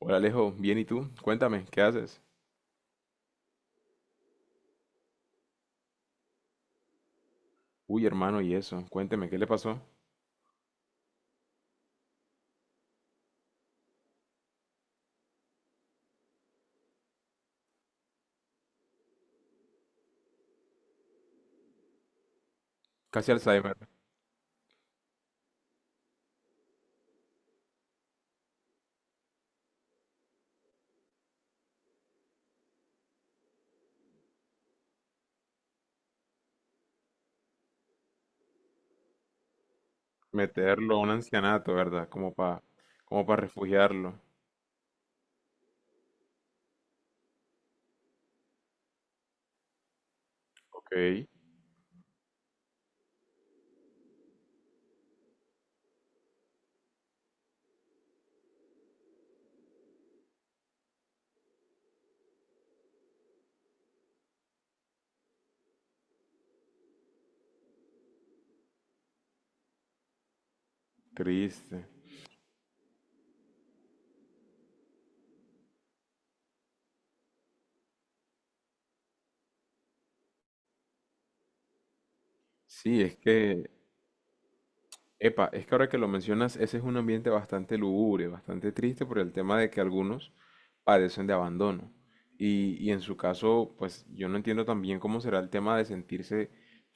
Hola Alejo, bien y tú, cuéntame, ¿qué haces? Uy hermano, y eso, cuénteme, ¿qué le pasó? Casi Alzheimer, meterlo a un ancianato, ¿verdad? Como para como para refugiarlo. Ok, triste. Sí, es que epa, es que ahora que lo mencionas, ese es un ambiente bastante lúgubre, bastante triste por el tema de que algunos padecen de abandono. Y en su caso, pues yo no entiendo también cómo será el tema de sentirse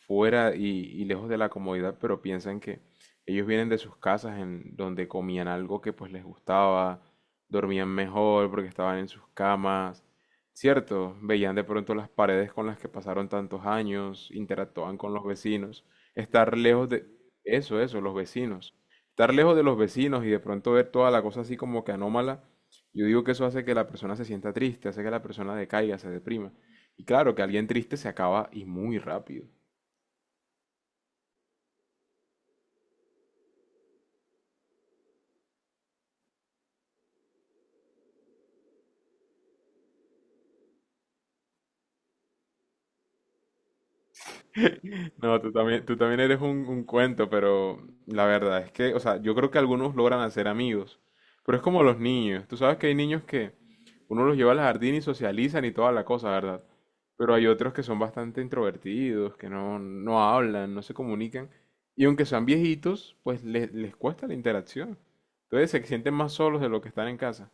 fuera y lejos de la comodidad, pero piensan que ellos vienen de sus casas en donde comían algo que pues les gustaba, dormían mejor porque estaban en sus camas, ¿cierto? Veían de pronto las paredes con las que pasaron tantos años, interactuaban con los vecinos, estar lejos de, eso, los vecinos. Estar lejos de los vecinos y de pronto ver toda la cosa así como que anómala, yo digo que eso hace que la persona se sienta triste, hace que la persona decaiga, se deprima. Y claro, que alguien triste se acaba y muy rápido. No, tú también eres un cuento, pero la verdad es que, o sea, yo creo que algunos logran hacer amigos, pero es como los niños. Tú sabes que hay niños que uno los lleva al jardín y socializan y toda la cosa, ¿verdad? Pero hay otros que son bastante introvertidos, que no hablan, no se comunican, y aunque sean viejitos, pues les cuesta la interacción. Entonces se sienten más solos de lo que están en casa.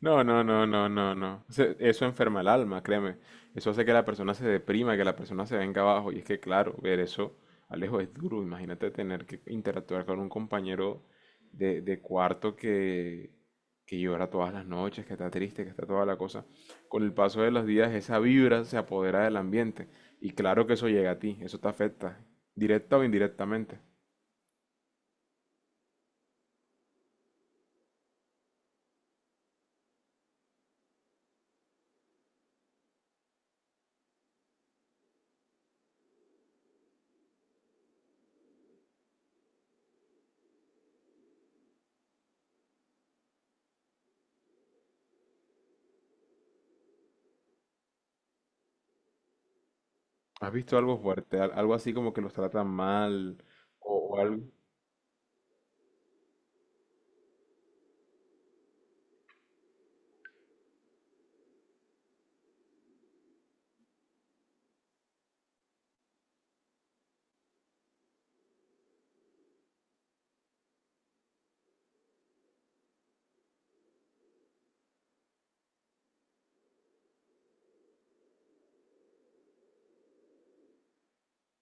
No, no, no, no, no, no. Se- eso enferma el alma, créeme. Eso hace que la persona se deprima, que la persona se venga abajo. Y es que, claro, ver eso, Alejo, es duro. Imagínate tener que interactuar con un compañero de cuarto que llora todas las noches, que está triste, que está toda la cosa. Con el paso de los días, esa vibra se apodera del ambiente. Y claro que eso llega a ti, eso te afecta, directa o indirectamente. ¿Has visto algo fuerte? Al- algo así como que los tratan mal o algo.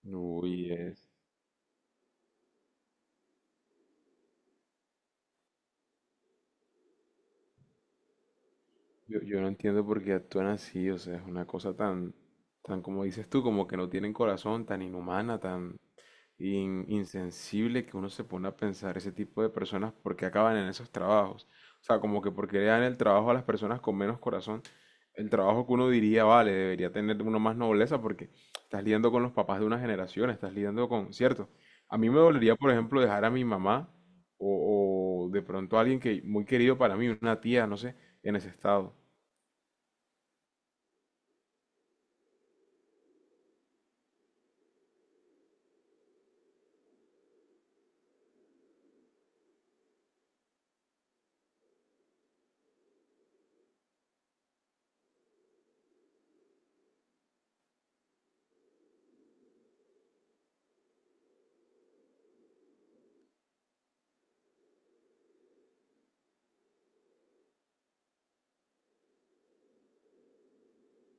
Uy, es. Yo no entiendo por qué actúan así, o sea, es una cosa tan, tan como dices tú, como que no tienen corazón, tan inhumana, tan in- insensible que uno se pone a pensar ese tipo de personas porque acaban en esos trabajos. O sea, como que porque le dan el trabajo a las personas con menos corazón, el trabajo que uno diría, vale, debería tener uno más nobleza porque estás lidiando con los papás de una generación, estás lidiando con, cierto. A mí me dolería, por ejemplo, dejar a mi mamá o de pronto a alguien que muy querido para mí, una tía, no sé, en ese estado.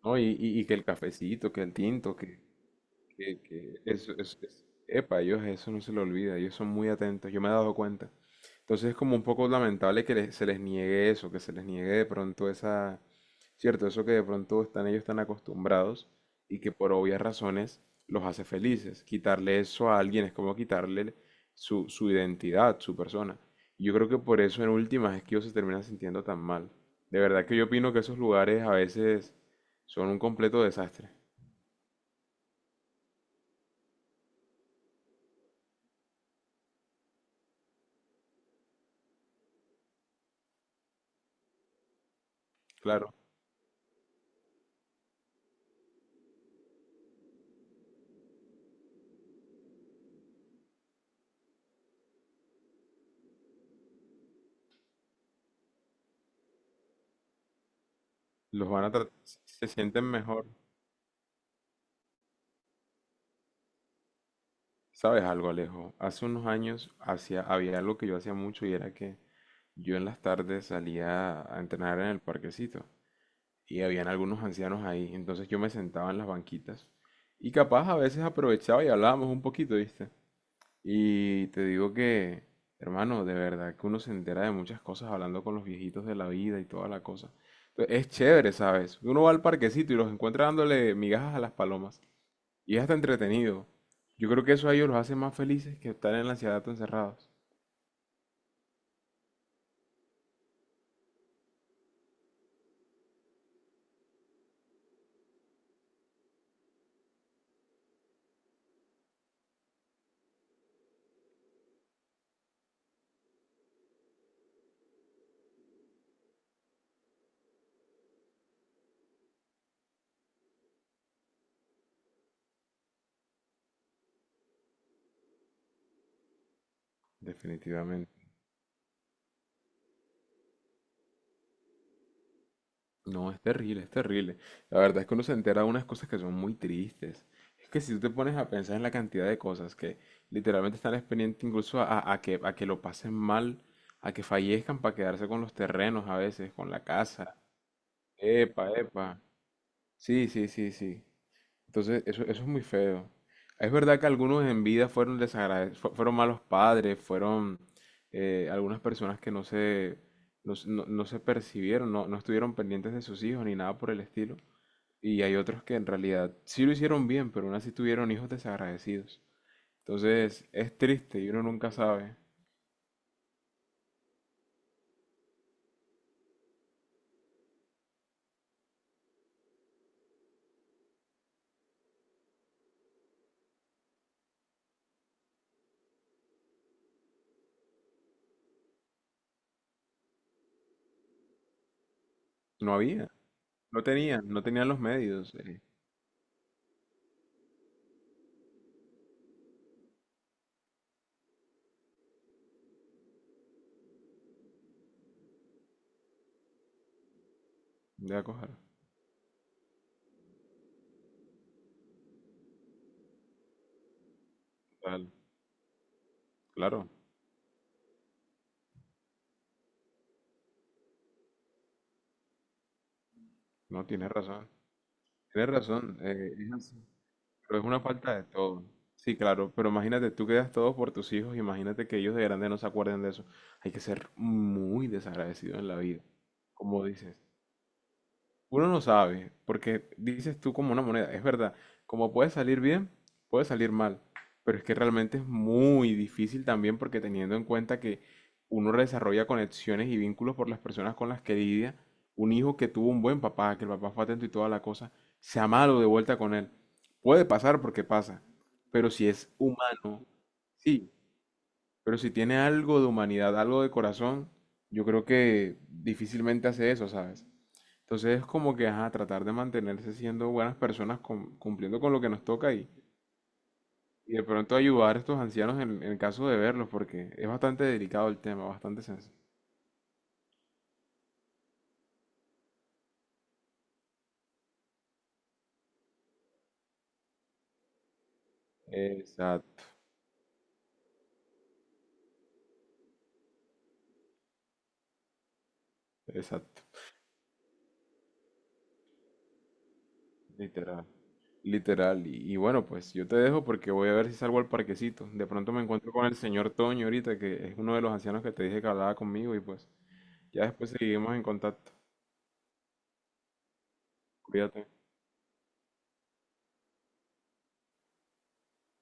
No, y que el cafecito, que el tinto, que eso, es- epa, ellos eso no se lo olvida, ellos son muy atentos, yo me he dado cuenta. Entonces es como un poco lamentable que le- se les niegue eso, que se les niegue de pronto esa, cierto, eso que de pronto están ellos tan acostumbrados y que por obvias razones los hace felices. Quitarle eso a alguien es como quitarle su, su identidad, su persona. Y yo creo que por eso en últimas es que ellos se terminan sintiendo tan mal. De verdad que yo opino que esos lugares a veces son un completo desastre. Claro. Los van a tratar, se sienten mejor. ¿Sabes algo, Alejo? Hace unos años hacía, había algo que yo hacía mucho y era que yo en las tardes salía a entrenar en el parquecito y habían algunos ancianos ahí. Entonces yo me sentaba en las banquitas y capaz a veces aprovechaba y hablábamos un poquito, ¿viste? Y te digo que, hermano, de verdad que uno se entera de muchas cosas hablando con los viejitos de la vida y toda la cosa. Entonces, es chévere, ¿sabes? Uno va al parquecito y los encuentra dándole migajas a las palomas. Y es hasta entretenido. Yo creo que eso a ellos los hace más felices que estar en la ciudad tan encerrados. Definitivamente. No, es terrible, es terrible. La verdad es que uno se entera de unas cosas que son muy tristes. Es que si tú te pones a pensar en la cantidad de cosas que literalmente están pendientes incluso a que lo pasen mal, a que fallezcan para quedarse con los terrenos a veces, con la casa. Epa, epa. Sí, sí, sí, sí. Entonces, eso es muy feo. Es verdad que algunos en vida fueron desagradecidos, fueron malos padres, fueron algunas personas que no se, no, se no- no se percibieron, no, no estuvieron pendientes de sus hijos ni nada por el estilo. Y hay otros que en realidad sí lo hicieron bien, pero aún así tuvieron hijos desagradecidos. Entonces, es triste y uno nunca sabe. No había, no tenían los medios de acoger. Tal, claro, no, tienes razón. Tienes razón, es así. Pero es una falta de todo. Sí, claro, pero imagínate, tú quedas todo por tus hijos, imagínate que ellos de grande no se acuerden de eso. Hay que ser muy desagradecido en la vida, como dices. Uno no sabe, porque dices tú como una moneda, es verdad, como puede salir bien, puede salir mal, pero es que realmente es muy difícil también porque teniendo en cuenta que uno desarrolla conexiones y vínculos por las personas con las que lidia, un hijo que tuvo un buen papá, que el papá fue atento y toda la cosa, sea malo de vuelta con él. Puede pasar porque pasa, pero si es humano, sí, pero si tiene algo de humanidad, algo de corazón, yo creo que difícilmente hace eso, ¿sabes? Entonces es como que, ajá, tratar de mantenerse siendo buenas personas, cumpliendo con lo que nos toca y de pronto ayudar a estos ancianos en caso de verlos, porque es bastante delicado el tema, bastante sensible. Exacto, exacto, literal, literal. Y bueno, pues yo te dejo porque voy a ver si salgo al parquecito. De pronto me encuentro con el señor Toño ahorita, que es uno de los ancianos que te dije que hablaba conmigo y pues ya después seguimos en contacto. Cuídate.